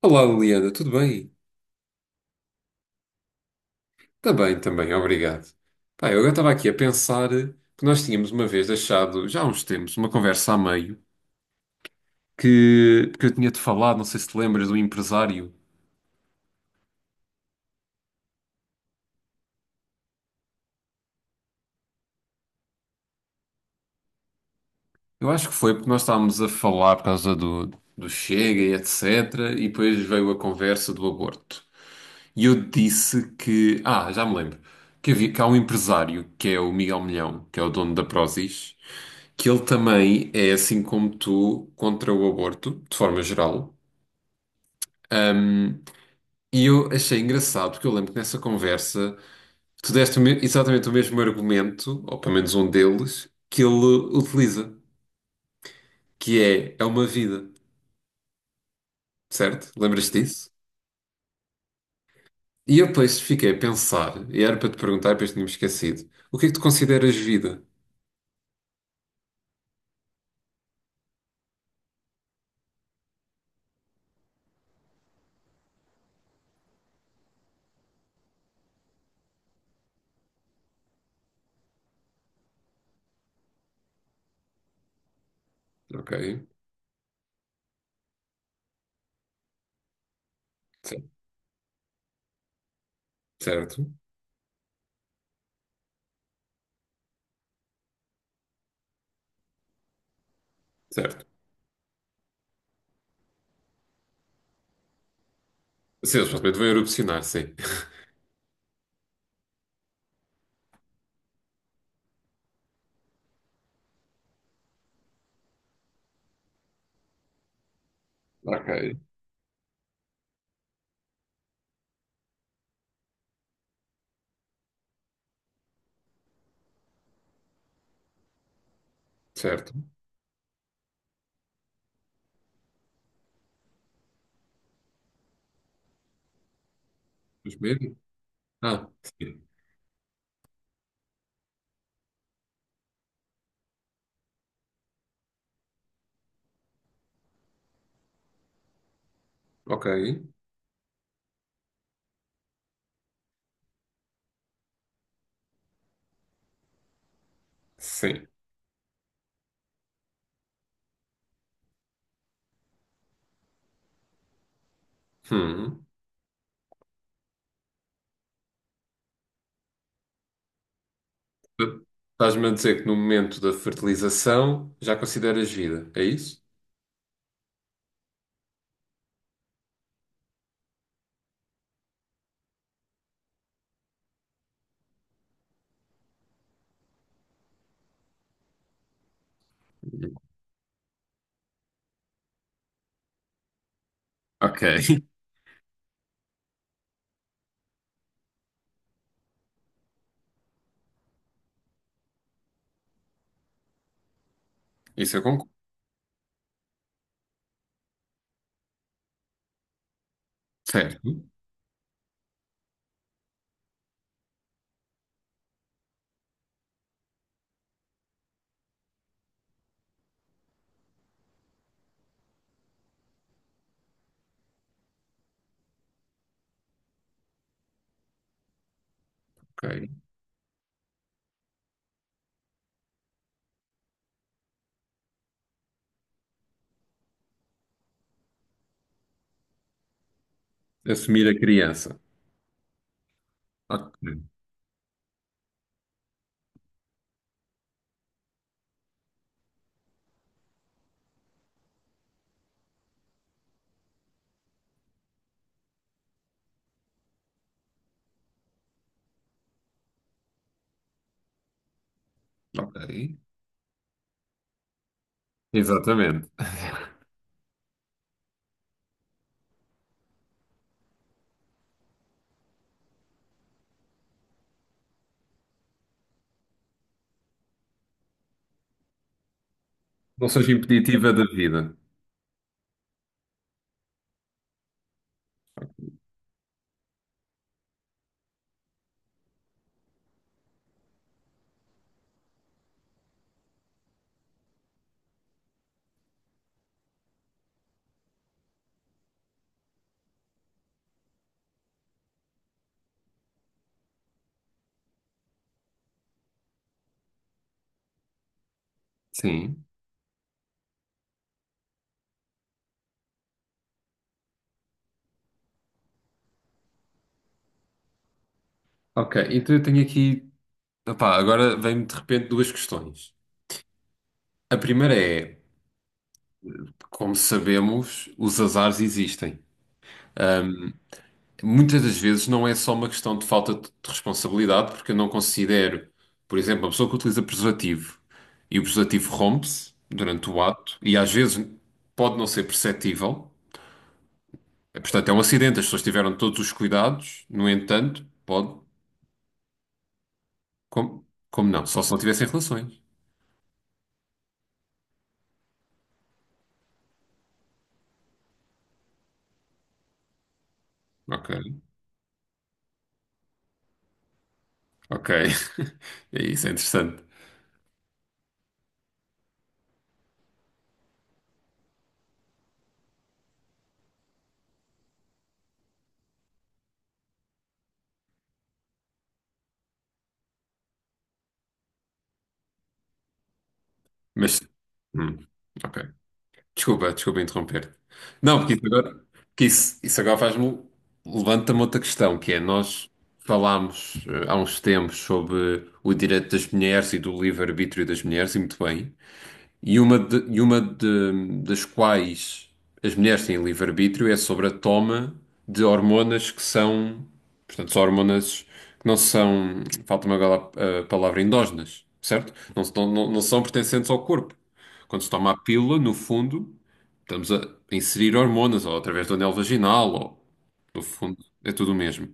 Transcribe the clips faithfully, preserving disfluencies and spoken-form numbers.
Olá Liliana, tudo bem? Também, também, obrigado. Pá, eu agora estava aqui a pensar que nós tínhamos uma vez deixado, já há uns tempos, uma conversa a meio que, que eu tinha-te falado, não sei se te lembras, do empresário. Eu acho que foi porque nós estávamos a falar por causa do, do Chega e etecetera. E depois veio a conversa do aborto. E eu disse que, ah, já me lembro, que, havia, que há um empresário que é o Miguel Milhão, que é o dono da Prozis, que ele também é assim como tu contra o aborto, de forma geral. E eu achei engraçado, porque eu lembro que nessa conversa tu deste o me- exatamente o mesmo argumento, ou pelo menos um deles, que ele utiliza, que é, é uma vida, certo? Lembras-te disso? E eu depois fiquei a pensar, e era para te perguntar, depois tinha-me esquecido, o que é que tu consideras vida? Ok, cer- certo, certo. Sim, eles supostamente vão erupcionar, sim. Ok, certo. Os medos? Ah, sim. Ok, sim. Hum. Estás-me a dizer que no momento da fertilização já consideras vida, é isso? Ok, isso eu concordo. Certo, ok. Assumir a criança. Ok, ok. Exatamente. Não seja impeditiva da vida. Sim. Ok, então eu tenho aqui. Opá, agora vem-me de repente duas questões. A primeira é: como sabemos, os azares existem. Muitas das vezes não é só uma questão de falta de de responsabilidade, porque eu não considero, por exemplo, uma pessoa que utiliza preservativo e o preservativo rompe-se durante o ato e às vezes pode não ser perceptível. Eh, Portanto, é um acidente, as pessoas tiveram todos os cuidados, no entanto, pode. Como, como não? Só se não tivessem relações. Ok, ok. É Isso é interessante. Mas, hum, ok. Desculpa, desculpa interromper. Não, porque isso agora, porque isso, isso agora faz-me levanta-me outra questão, que é nós falámos eh, há uns tempos sobre o direito das mulheres e do livre-arbítrio das mulheres, e muito bem, e uma, de- e uma de- das quais as mulheres têm livre-arbítrio é sobre a toma de hormonas que são, portanto, são hormonas que não são, falta-me agora a a palavra, endógenas, certo? Não, se- não, não não são pertencentes ao corpo. Quando se toma a pílula, no fundo. Estamos a inserir hormonas, ou através do anel vaginal, ou no fundo, é tudo o mesmo.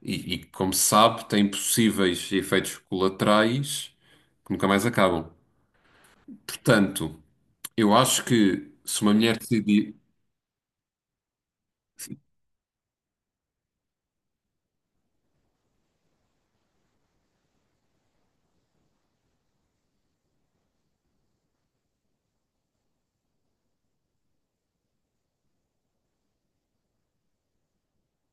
E, e, como se sabe, tem possíveis efeitos colaterais que nunca mais acabam. Portanto, eu acho que se uma mulher decidir.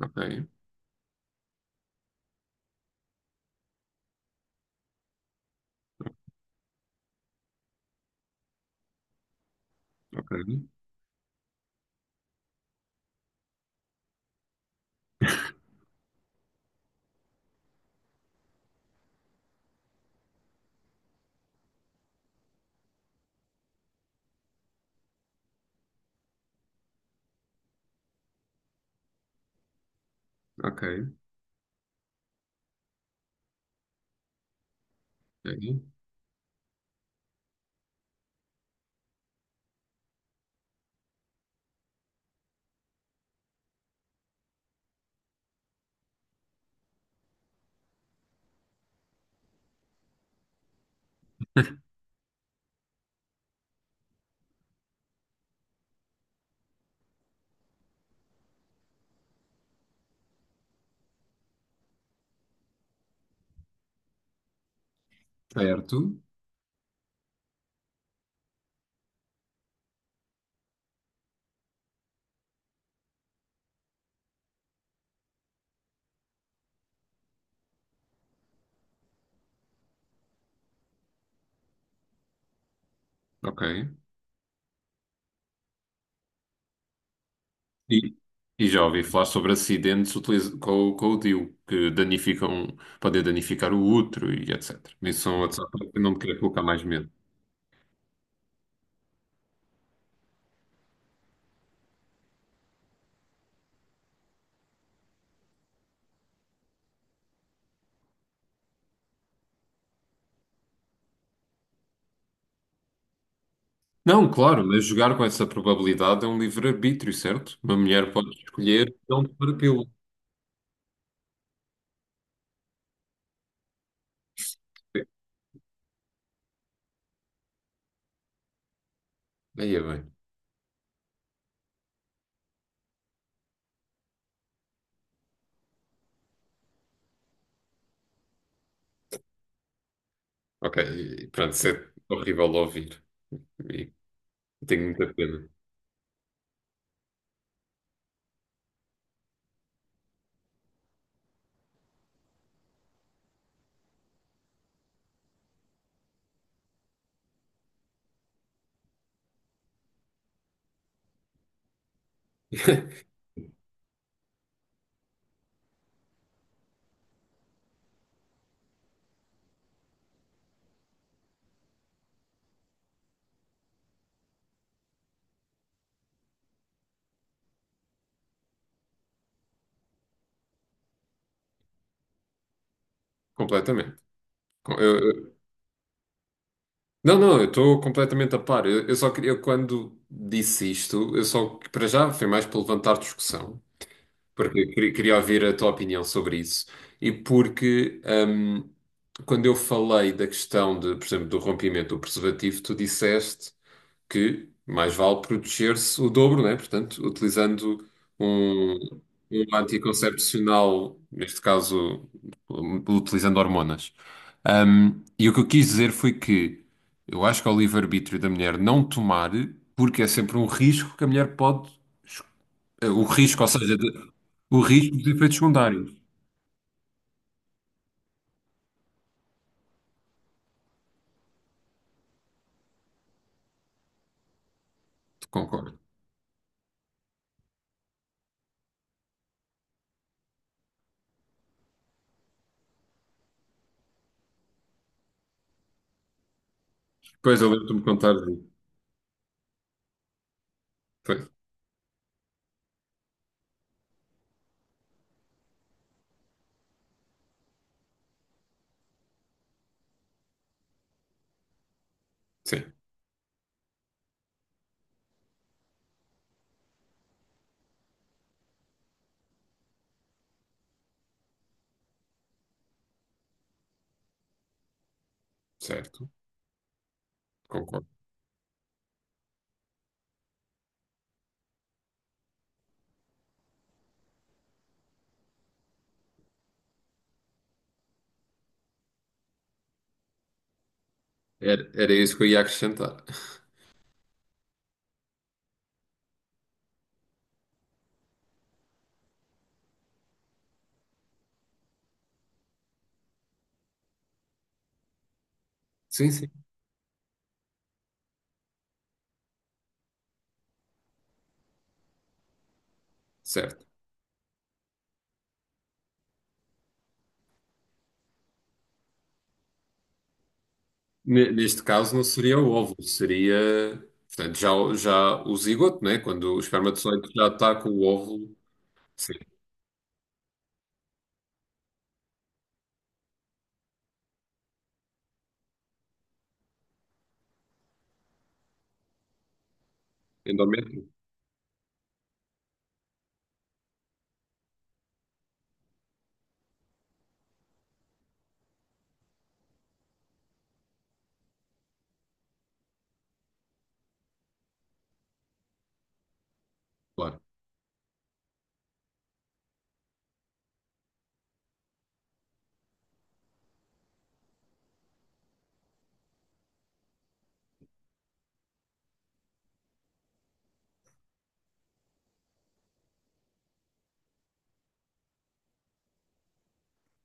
Ok, ok, ok, ok, certo, ok. E, e já ouvi falar sobre acidentes utiliz- com, o- com o D I U, que danificam, podem danificar o útero e etecetera. Isso são outros, fatores que eu não me queria colocar mais medo. Não, claro, mas jogar com essa probabilidade é um livre-arbítrio, certo? Uma mulher pode escolher não para pílula. Aí é bem. Ok, e pronto, isso é horrível de ouvir. E tenho muita pena. Completamente. Com- eu- eu- não, não, eu estou completamente a par. Eu, eu só queria, eu quando disse isto, eu só, para já, foi mais para levantar discussão, porque eu queria, queria ouvir a tua opinião sobre isso. E porque, hum, quando eu falei da questão de, por exemplo, do rompimento do preservativo, tu disseste que mais vale proteger-se o dobro, né? Portanto, utilizando um, um anticoncepcional, neste caso, um, utilizando hormonas. Um, e o que eu quis dizer foi que eu acho que é o livre-arbítrio da mulher não tomar, porque é sempre um risco que a mulher pode. es- eh, O risco, ou seja, de- o risco de efeitos secundários. Concordo. Pois eu lembro-me de contar. De- Pois, sim, certo, concordo. Era, era isso que eu ia acrescentar. Sim, sim, certo. Ne- Neste caso não seria o óvulo, seria, portanto, já, o- já o zigoto, né? Quando o espermatozoide já está com o óvulo, sim, endométrio, claro.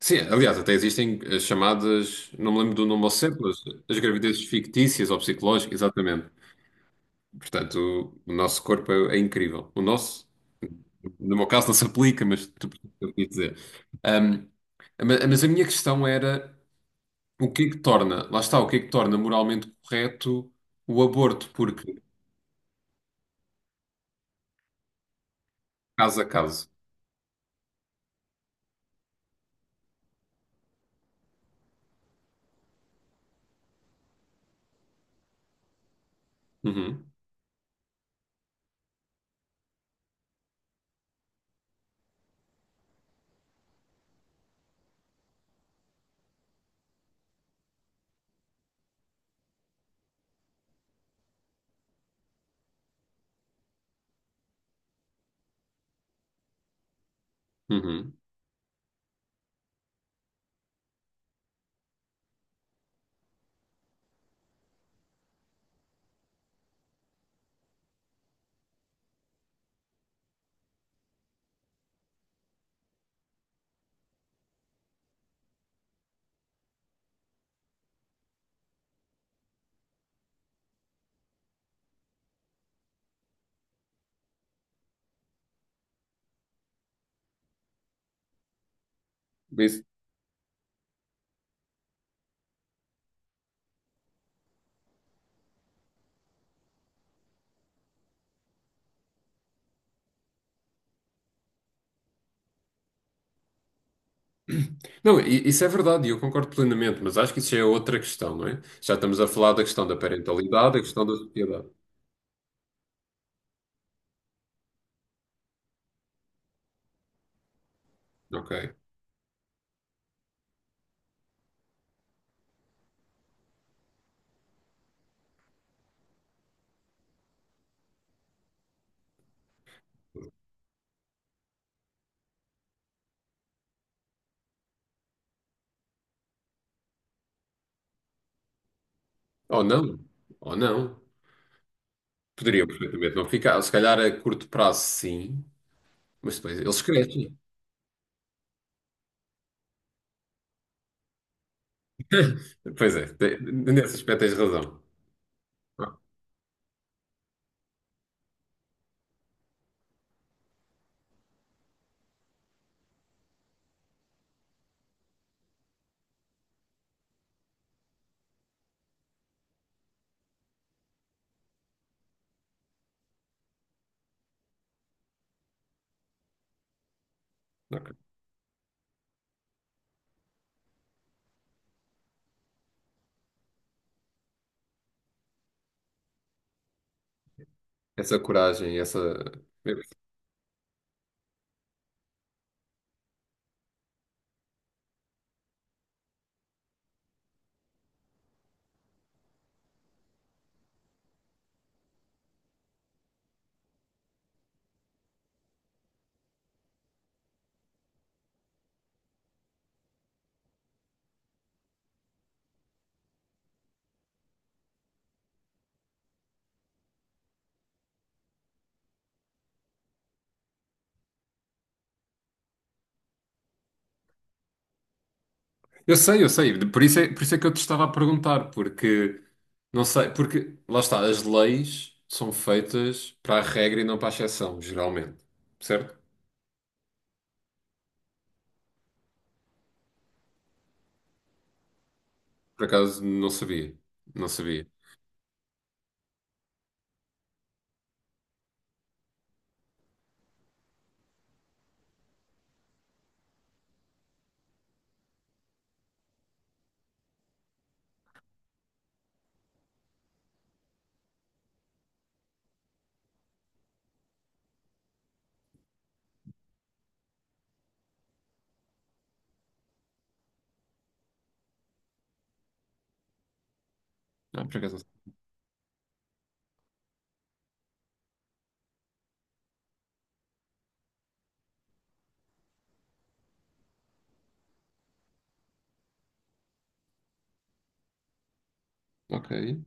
Sim, aliás, até existem as chamadas, não me lembro do nome ao certo, mas as gravidezes fictícias ou psicológicas, exatamente. Portanto, o, o nosso corpo é, é incrível. O nosso, no meu caso, não se aplica, mas tu percebes o que eu quis dizer. Ahm, ma- mas a minha questão era o que é que torna, lá está, o que é que torna moralmente correto o aborto, porque caso a caso. Uhum, uhum. Isso, não, i- isso é verdade e eu concordo plenamente, mas acho que isso já é outra questão, não é? Já estamos a falar da questão da parentalidade, a questão da sociedade. Ok. Ou não, ou não. Poderiam perfeitamente não ficar. Se calhar a curto prazo, sim, mas depois eles crescem. Pois é, te- nesse aspecto tens razão. Ah, ok. Essa coragem, essa. Eu sei, eu sei, por isso é, por isso é que eu te estava a perguntar, porque não sei, porque lá está, as leis são feitas para a regra e não para a exceção, geralmente. Certo? Por acaso não sabia. Não sabia. Não, por acaso não sabia. Ok.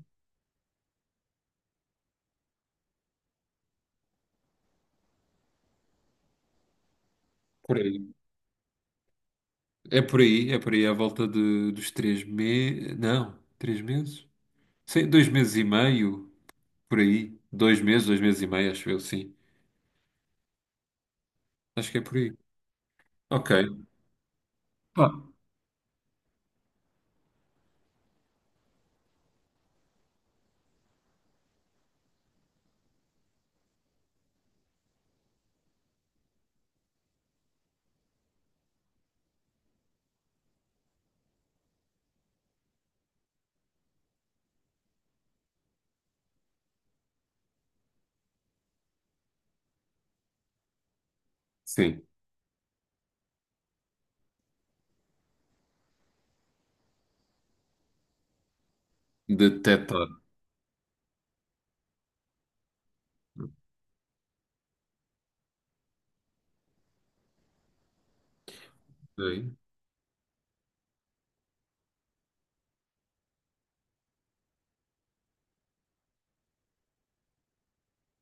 Por aí. É por aí, é por aí, à volta de- dos três meses. Não, três meses? Sim, dois meses e meio, por aí. Dois meses, dois meses e meio, acho eu, sim. Acho que é por aí. Ok. Pá. Sim. Detectado.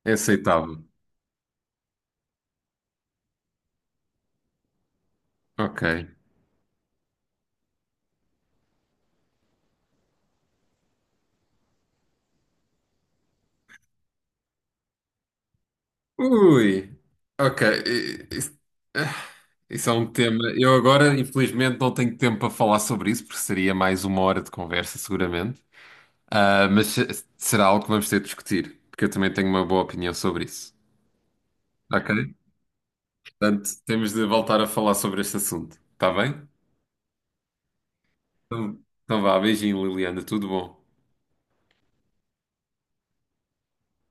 É aceitável. Ok. Ui. Ok. Eh, Isso é um tema. Eu agora, infelizmente, não tenho tempo para falar sobre isso, porque seria mais uma hora de conversa, seguramente. Ah, mas se- Será algo que vamos ter de discutir, porque eu também tenho uma boa opinião sobre isso. Ok? Portanto, temos de voltar a falar sobre este assunto. Está bem? Então, então vá, beijinho, Liliana. Tudo bom.